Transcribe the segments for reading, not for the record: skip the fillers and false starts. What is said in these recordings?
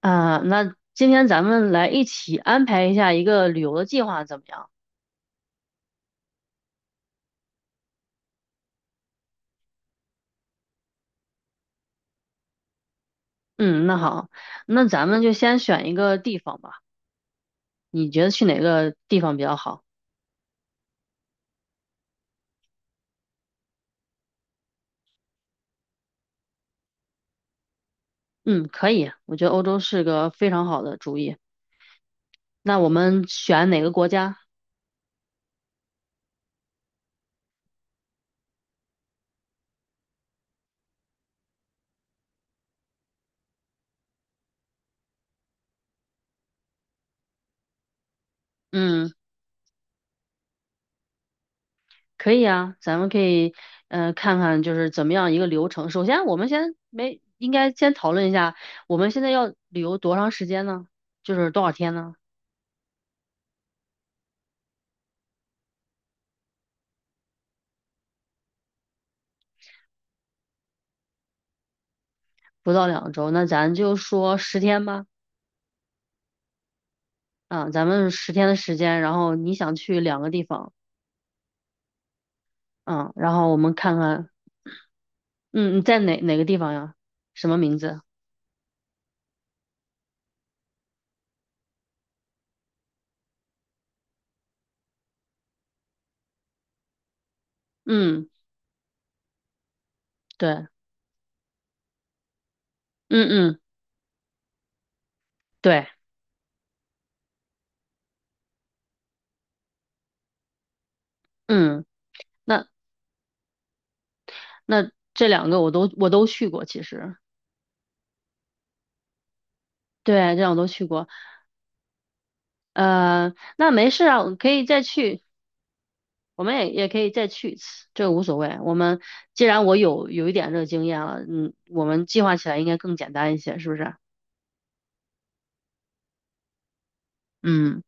啊，那今天咱们来一起安排一下一个旅游的计划，怎么样？嗯，那好，那咱们就先选一个地方吧。你觉得去哪个地方比较好？嗯，可以，我觉得欧洲是个非常好的主意。那我们选哪个国家？嗯，可以啊，咱们可以看看就是怎么样一个流程。首先，我们先没应该先讨论一下，我们现在要旅游多长时间呢？就是多少天呢？不到2周，那咱就说十天吧。嗯，咱们十天的时间，然后你想去两个地方。嗯，然后我们看看。嗯，你在哪个地方呀？什么名字？嗯，对。嗯嗯。对。嗯，那那这两个我都去过，其实。对，这两个都去过。那没事啊，我可以再去，我们也可以再去一次，这个无所谓。我们既然我有一点这个经验了，嗯，我们计划起来应该更简单一些，是不是？嗯。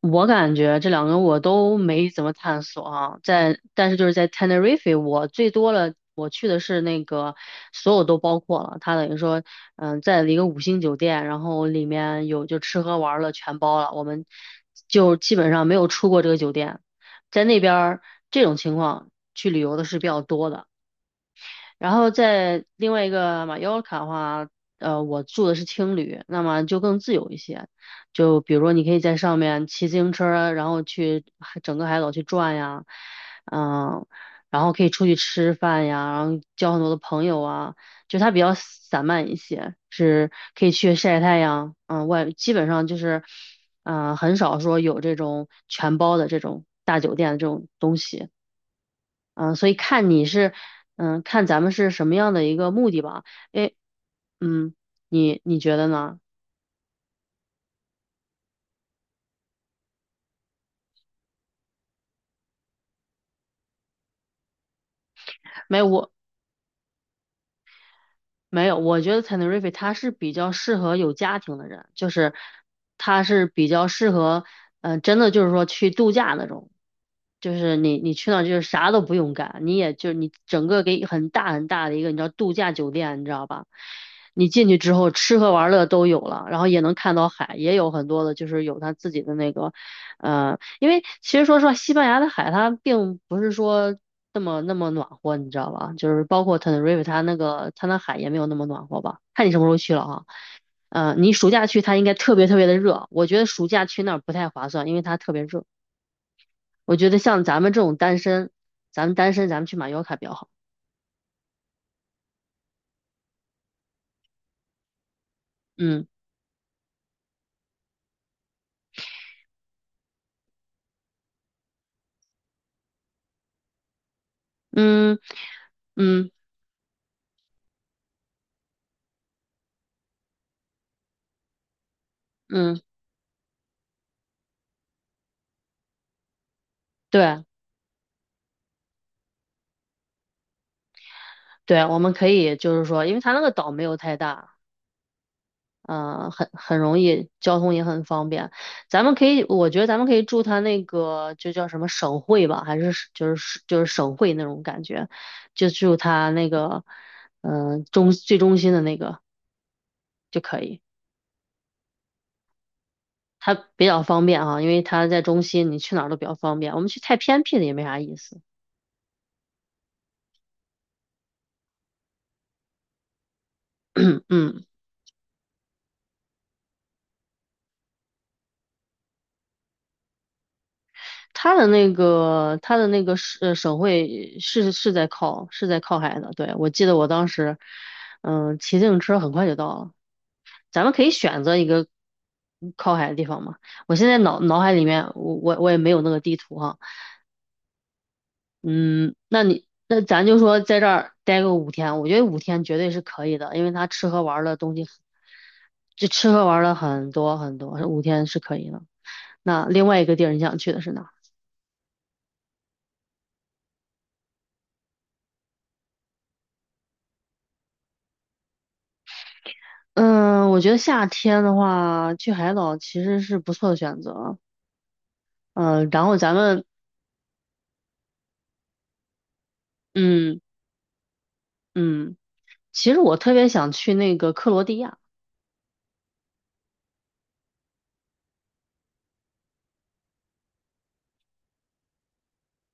我感觉这两个我都没怎么探索啊，但是就是在 Tenerife，我最多了，我去的是那个所有都包括了，它等于说，在一个五星酒店，然后里面有就吃喝玩乐全包了，我们就基本上没有出过这个酒店，在那边儿这种情况去旅游的是比较多的。然后在另外一个马约卡的话，我住的是青旅，那么就更自由一些。就比如说，你可以在上面骑自行车儿，然后整个海岛去转呀。嗯，然后可以出去吃饭呀，然后交很多的朋友啊，就它比较散漫一些，是可以去晒太阳。基本上就是，很少说有这种全包的这种大酒店这种东西。嗯，所以看你是，看咱们是什么样的一个目的吧。诶，嗯，你觉得呢？没有，我没有，我觉得 Tenerife 它是比较适合有家庭的人，就是它是比较适合，真的就是说去度假那种，就是你去那儿就是啥都不用干，你也就你整个给很大很大的一个你知道度假酒店，你知道吧？你进去之后吃喝玩乐都有了，然后也能看到海，也有很多的就是有他自己的那个。呃因为其实说实话，西班牙的海它并不是说那么那么暖和，你知道吧？就是包括 t e n e r 它那海也没有那么暖和吧？看你什么时候去了哈。嗯，你暑假去它应该特别特别的热，我觉得暑假去那儿不太划算，因为它特别热。我觉得像咱们这种单身，咱们去马约卡比较好。嗯嗯嗯嗯。对对，我们可以就是说，因为它那个岛没有太大，很容易，交通也很方便。咱们可以，我觉得咱们可以住他那个，就叫什么省会吧，还是就是省会那种感觉，就住他那个，嗯、呃中最中心的那个就可以。它比较方便啊，因为它在中心，你去哪儿都比较方便。我们去太偏僻的也没啥意思。嗯它的那个省会是在靠海的。对，我记得我当时，骑自行车很快就到了。咱们可以选择一个靠海的地方嘛。我现在脑海里面，我也没有那个地图哈。嗯，那咱就说在这儿待个五天，我觉得五天绝对是可以的，因为他吃喝玩乐东西，就吃喝玩乐很多很多，五天是可以的。那另外一个地儿你想去的是哪？嗯，我觉得夏天的话，去海岛其实是不错的选择。嗯，然后咱们，嗯嗯，其实我特别想去那个克罗地亚。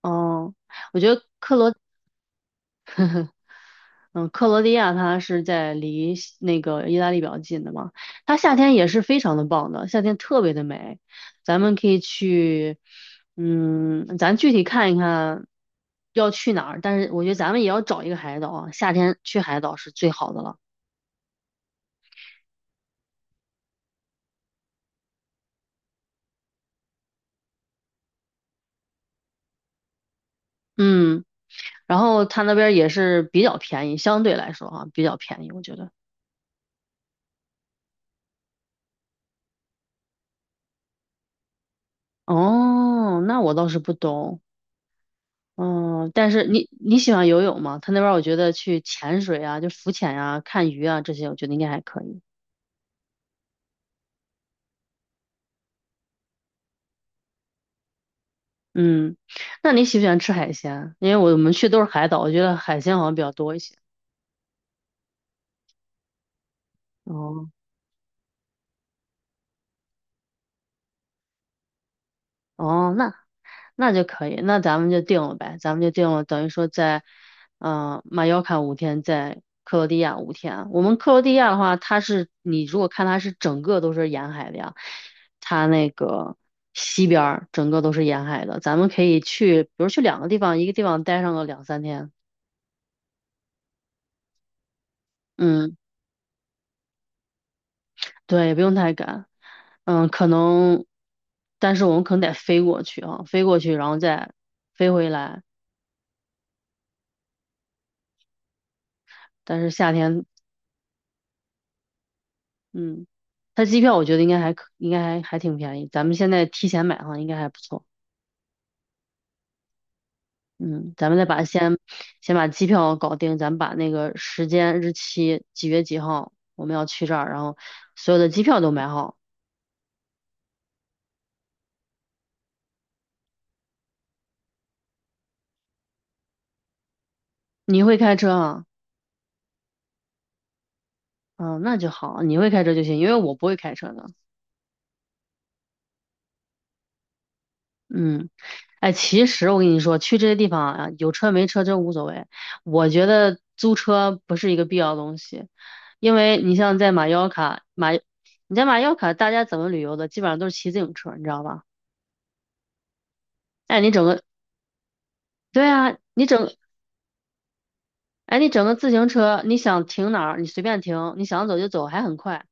哦，我觉得克罗，嗯，克罗地亚它是在离西那个意大利比较近的嘛，它夏天也是非常的棒的，夏天特别的美。咱们可以去，咱具体看一看要去哪儿，但是我觉得咱们也要找一个海岛啊，夏天去海岛是最好的了。嗯。然后他那边也是比较便宜，相对来说哈、比较便宜，我觉得。哦，那我倒是不懂。嗯，但是你喜欢游泳吗？他那边我觉得去潜水啊，就浮潜啊、看鱼啊这些，我觉得应该还可以。嗯，那你喜不喜欢吃海鲜？因为我们去都是海岛，我觉得海鲜好像比较多一些。哦。哦，那就可以，那咱们就定了呗，咱们就定了，等于说在，马约卡5天，在克罗地亚5天啊。我们克罗地亚的话，它是你如果看它是整个都是沿海的呀，它那个西边儿整个都是沿海的，咱们可以去，比如去两个地方，一个地方待上个两三天。嗯，对，也不用太赶，嗯，可能，但是我们可能得飞过去啊，飞过去，然后再飞回来。但是夏天嗯，他机票我觉得应该还挺便宜。咱们现在提前买的话应该还不错。嗯，咱们再把先先把机票搞定，咱们把那个时间、日期、几月几号我们要去这儿，然后所有的机票都买好。你会开车啊？嗯，那就好，你会开车就行，因为我不会开车的。嗯。哎，其实我跟你说，去这些地方啊，有车没车真无所谓。我觉得租车不是一个必要的东西，因为你像在马腰卡，你在马腰卡，大家怎么旅游的，基本上都是骑自行车，你知道吧？哎，你整个，对啊，哎，你整个自行车，你想停哪儿，你随便停，你想走就走，还很快。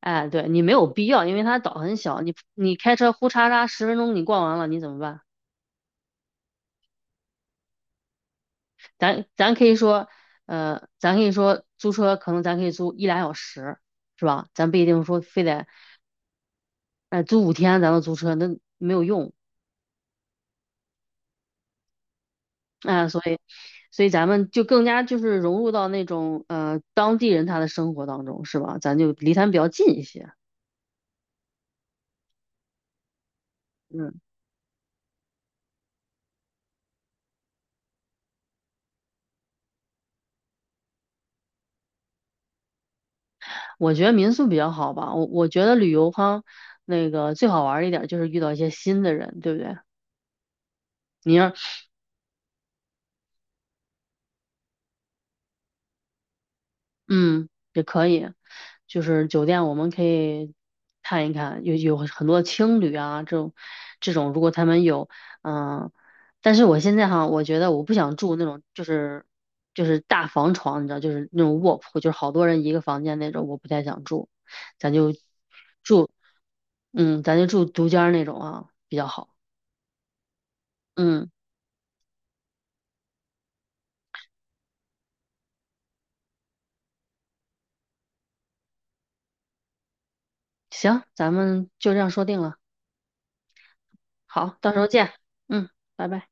哎，对，你没有必要，因为它岛很小，你你开车呼嚓嚓10分钟你逛完了，你怎么办？咱咱可以说，咱可以说租车可能咱可以租一俩小时，是吧？咱不一定说非得，租五天咱都租车，那没有用啊。所以，咱们就更加就是融入到那种当地人他的生活当中，是吧？咱就离他们比较近一些。嗯，我觉得民宿比较好吧，我觉得旅游哈，那个最好玩儿一点儿就是遇到一些新的人，对不对？你要嗯，也可以，就是酒店我们可以看一看，有很多青旅啊，这种，如果他们有。嗯，但是我现在哈，我觉得我不想住那种就是大房床，你知道，就是那种卧铺，就是好多人一个房间那种，我不太想住，咱就住，咱就住独间儿那种啊，比较好。嗯，行，咱们就这样说定了。好，到时候见。嗯，拜拜。